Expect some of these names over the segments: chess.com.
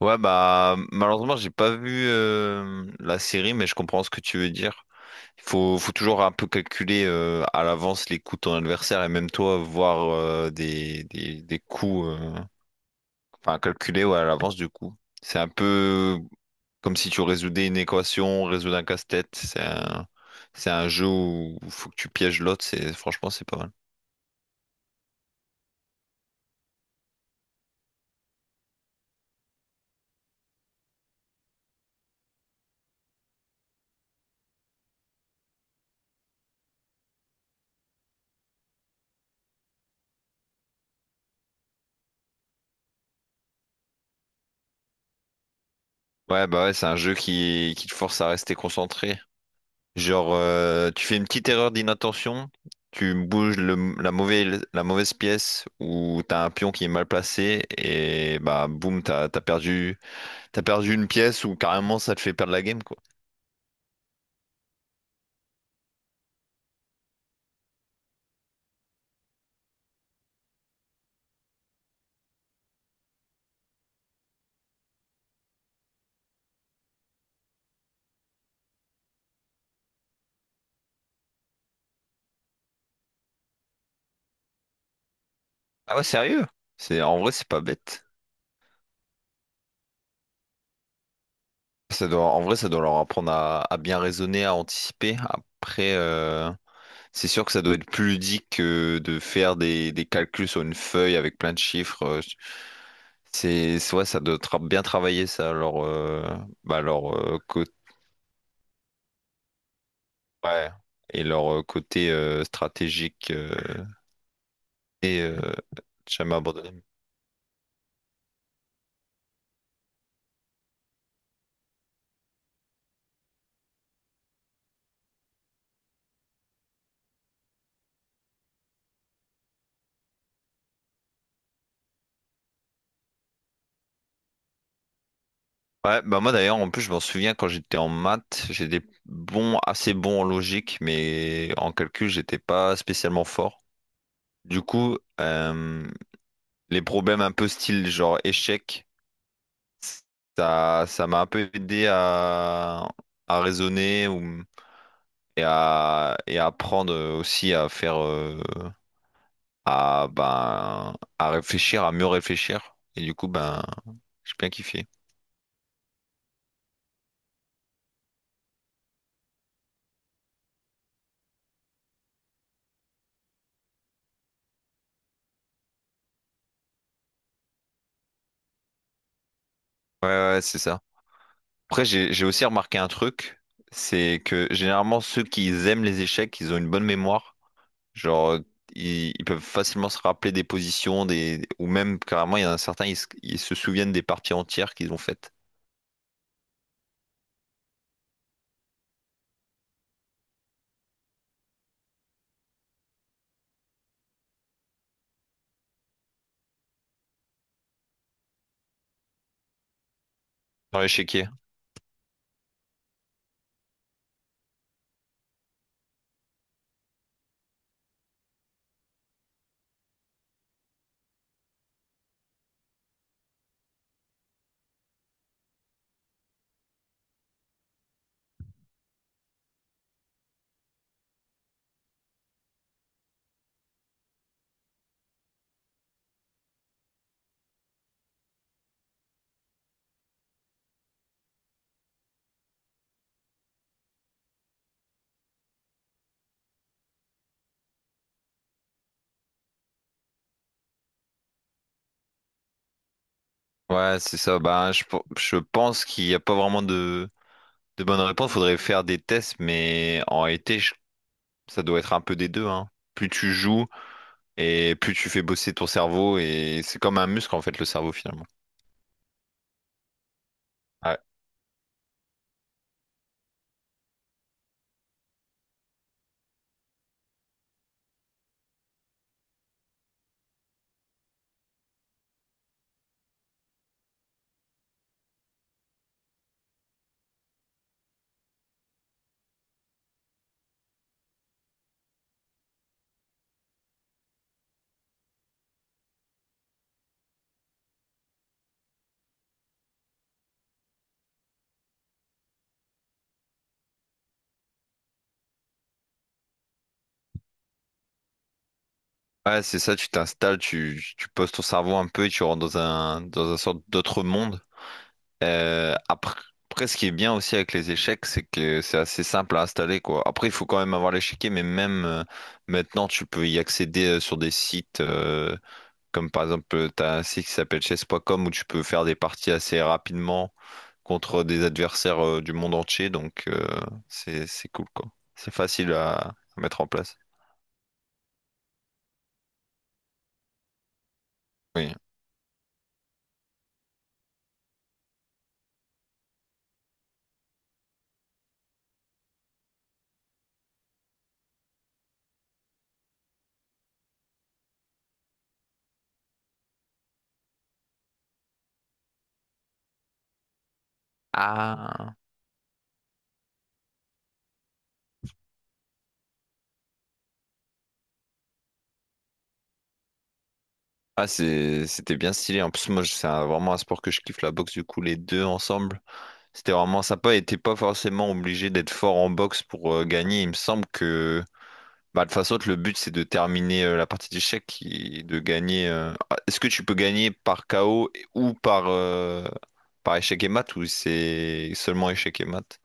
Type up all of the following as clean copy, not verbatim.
Ouais, bah malheureusement, j'ai pas vu la série, mais je comprends ce que tu veux dire. Il faut toujours un peu calculer à l'avance les coups de ton adversaire et même toi voir des coups, enfin calculer ouais, à l'avance du coup. C'est un peu comme si tu résoudais une équation, résoudre un casse-tête. C'est un jeu où il faut que tu pièges l'autre. Franchement, c'est pas mal. Ouais, bah ouais, c'est un jeu qui te force à rester concentré. Genre, tu fais une petite erreur d'inattention, tu bouges la mauvaise pièce ou t'as un pion qui est mal placé et bah boum, t'as perdu une pièce ou carrément ça te fait perdre la game quoi. Ah ouais, sérieux? En vrai, c'est pas bête. En vrai, ça doit leur apprendre à bien raisonner, à anticiper. Après, c'est sûr que ça doit être plus ludique que de faire des calculs sur une feuille avec plein de chiffres. Ouais, ça doit bien travailler ça, leur, bah, leur côté, ouais, et leur côté stratégique et euh, jamais abandonné. Ouais, bah moi d'ailleurs, en plus, je m'en souviens quand j'étais en maths, j'étais bon, assez bon en logique, mais en calcul, j'étais pas spécialement fort. Du coup, les problèmes un peu style genre échec. Ça m'a un peu aidé à raisonner et à apprendre aussi à faire, à, ben, à réfléchir, à mieux réfléchir. Et du coup, ben, j'ai bien kiffé. Ouais, ouais, ouais, c'est ça. Après, j'ai aussi remarqué un truc, c'est que généralement, ceux qui aiment les échecs, ils ont une bonne mémoire. Genre, ils peuvent facilement se rappeler des positions, ou même carrément, il y en a certains, ils se souviennent des parties entières qu'ils ont faites. Sur l'échiquier. Ouais, c'est ça. Bah, je pense qu'il n'y a pas vraiment de bonne réponse. Faudrait faire des tests, mais en réalité, ça doit être un peu des deux, hein. Plus tu joues et plus tu fais bosser ton cerveau, et c'est comme un muscle, en fait, le cerveau, finalement. Ouais, ouais, c'est ça, tu t'installes, tu poses ton cerveau un peu et tu rentres dans un sorte d'autre monde. Après, ce qui est bien aussi avec les échecs, c'est que c'est assez simple à installer, quoi. Après, il faut quand même avoir l'échiquier, mais même maintenant, tu peux y accéder sur des sites comme par exemple, t'as un site qui s'appelle chess.com où tu peux faire des parties assez rapidement contre des adversaires du monde entier, donc c'est cool, quoi. C'est facile à mettre en place. Oui. Ah, ah, c'était bien stylé. En plus, moi, vraiment un sport que je kiffe, la boxe, du coup, les deux ensemble. C'était vraiment sympa et t'es pas forcément obligé d'être fort en boxe pour gagner. Il me semble que bah, de toute façon, le but c'est de terminer la partie d'échecs et de gagner. Ah, est-ce que tu peux gagner par KO ou par échec et mat ou c'est seulement échec et mat?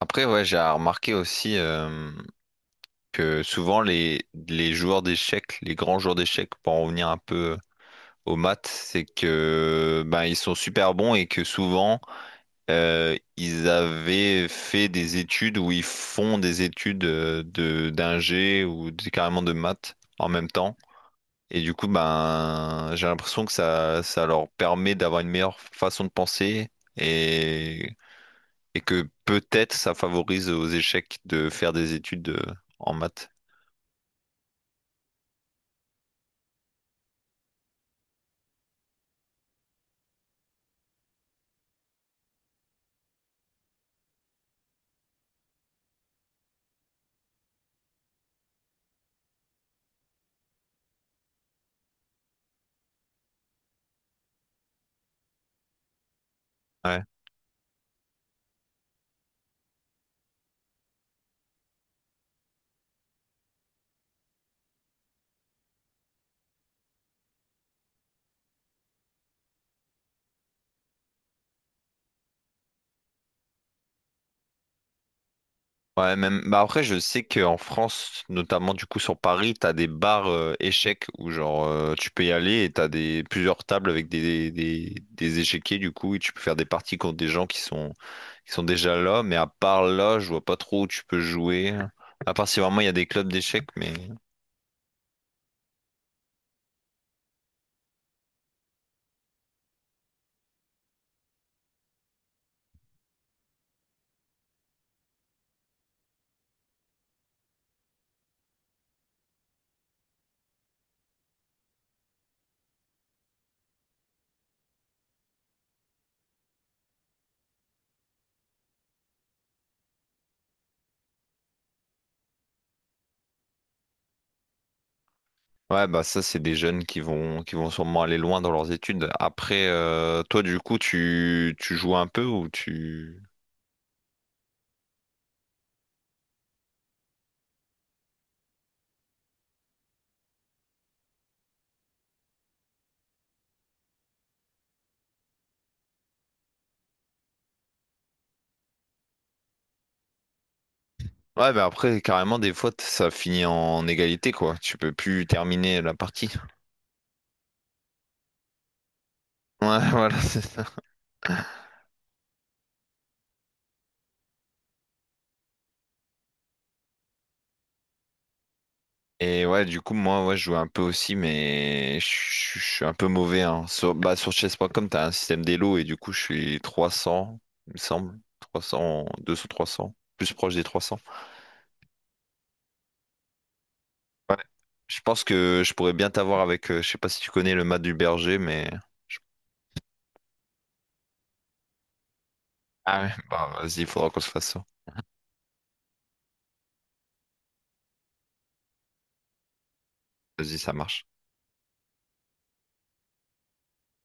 Après, ouais, j'ai remarqué aussi que souvent les joueurs d'échecs, les grands joueurs d'échecs, pour en revenir un peu aux maths, c'est que ben, ils sont super bons et que souvent. Ils avaient fait des études où ils font des études de d'ingé carrément de maths en même temps. Et du coup, ben, j'ai l'impression que ça leur permet d'avoir une meilleure façon de penser et, et que peut-être ça favorise aux échecs de faire des études en maths. Ouais. Ouais, même. Bah après, je sais qu'en France, notamment du coup sur Paris, t'as des bars échecs où genre tu peux y aller et t'as des plusieurs tables avec des échiquiers du coup et tu peux faire des parties contre des gens qui sont déjà là. Mais à part là, je vois pas trop où tu peux jouer. À part si vraiment il y a des clubs d'échecs, mais ouais, bah ça c'est des jeunes qui vont sûrement aller loin dans leurs études. Après, toi du coup, tu joues un peu ou tu. Ouais, mais après, carrément, des fois, ça finit en égalité, quoi. Tu peux plus terminer la partie. Ouais, voilà, c'est ça. Et ouais, du coup, moi, ouais, je joue un peu aussi, mais je suis un peu mauvais, hein. Sur, bah, sur chess.com, t'as un système d'élo, et du coup, je suis 300, il me semble. 300, 300, plus proche des 300. Ouais. Je pense que je pourrais bien t'avoir avec, je sais pas si tu connais le mat du berger, mais... je- Ah ouais, bah, vas-y, il faudra qu'on se fasse ça. Vas-y, ça marche.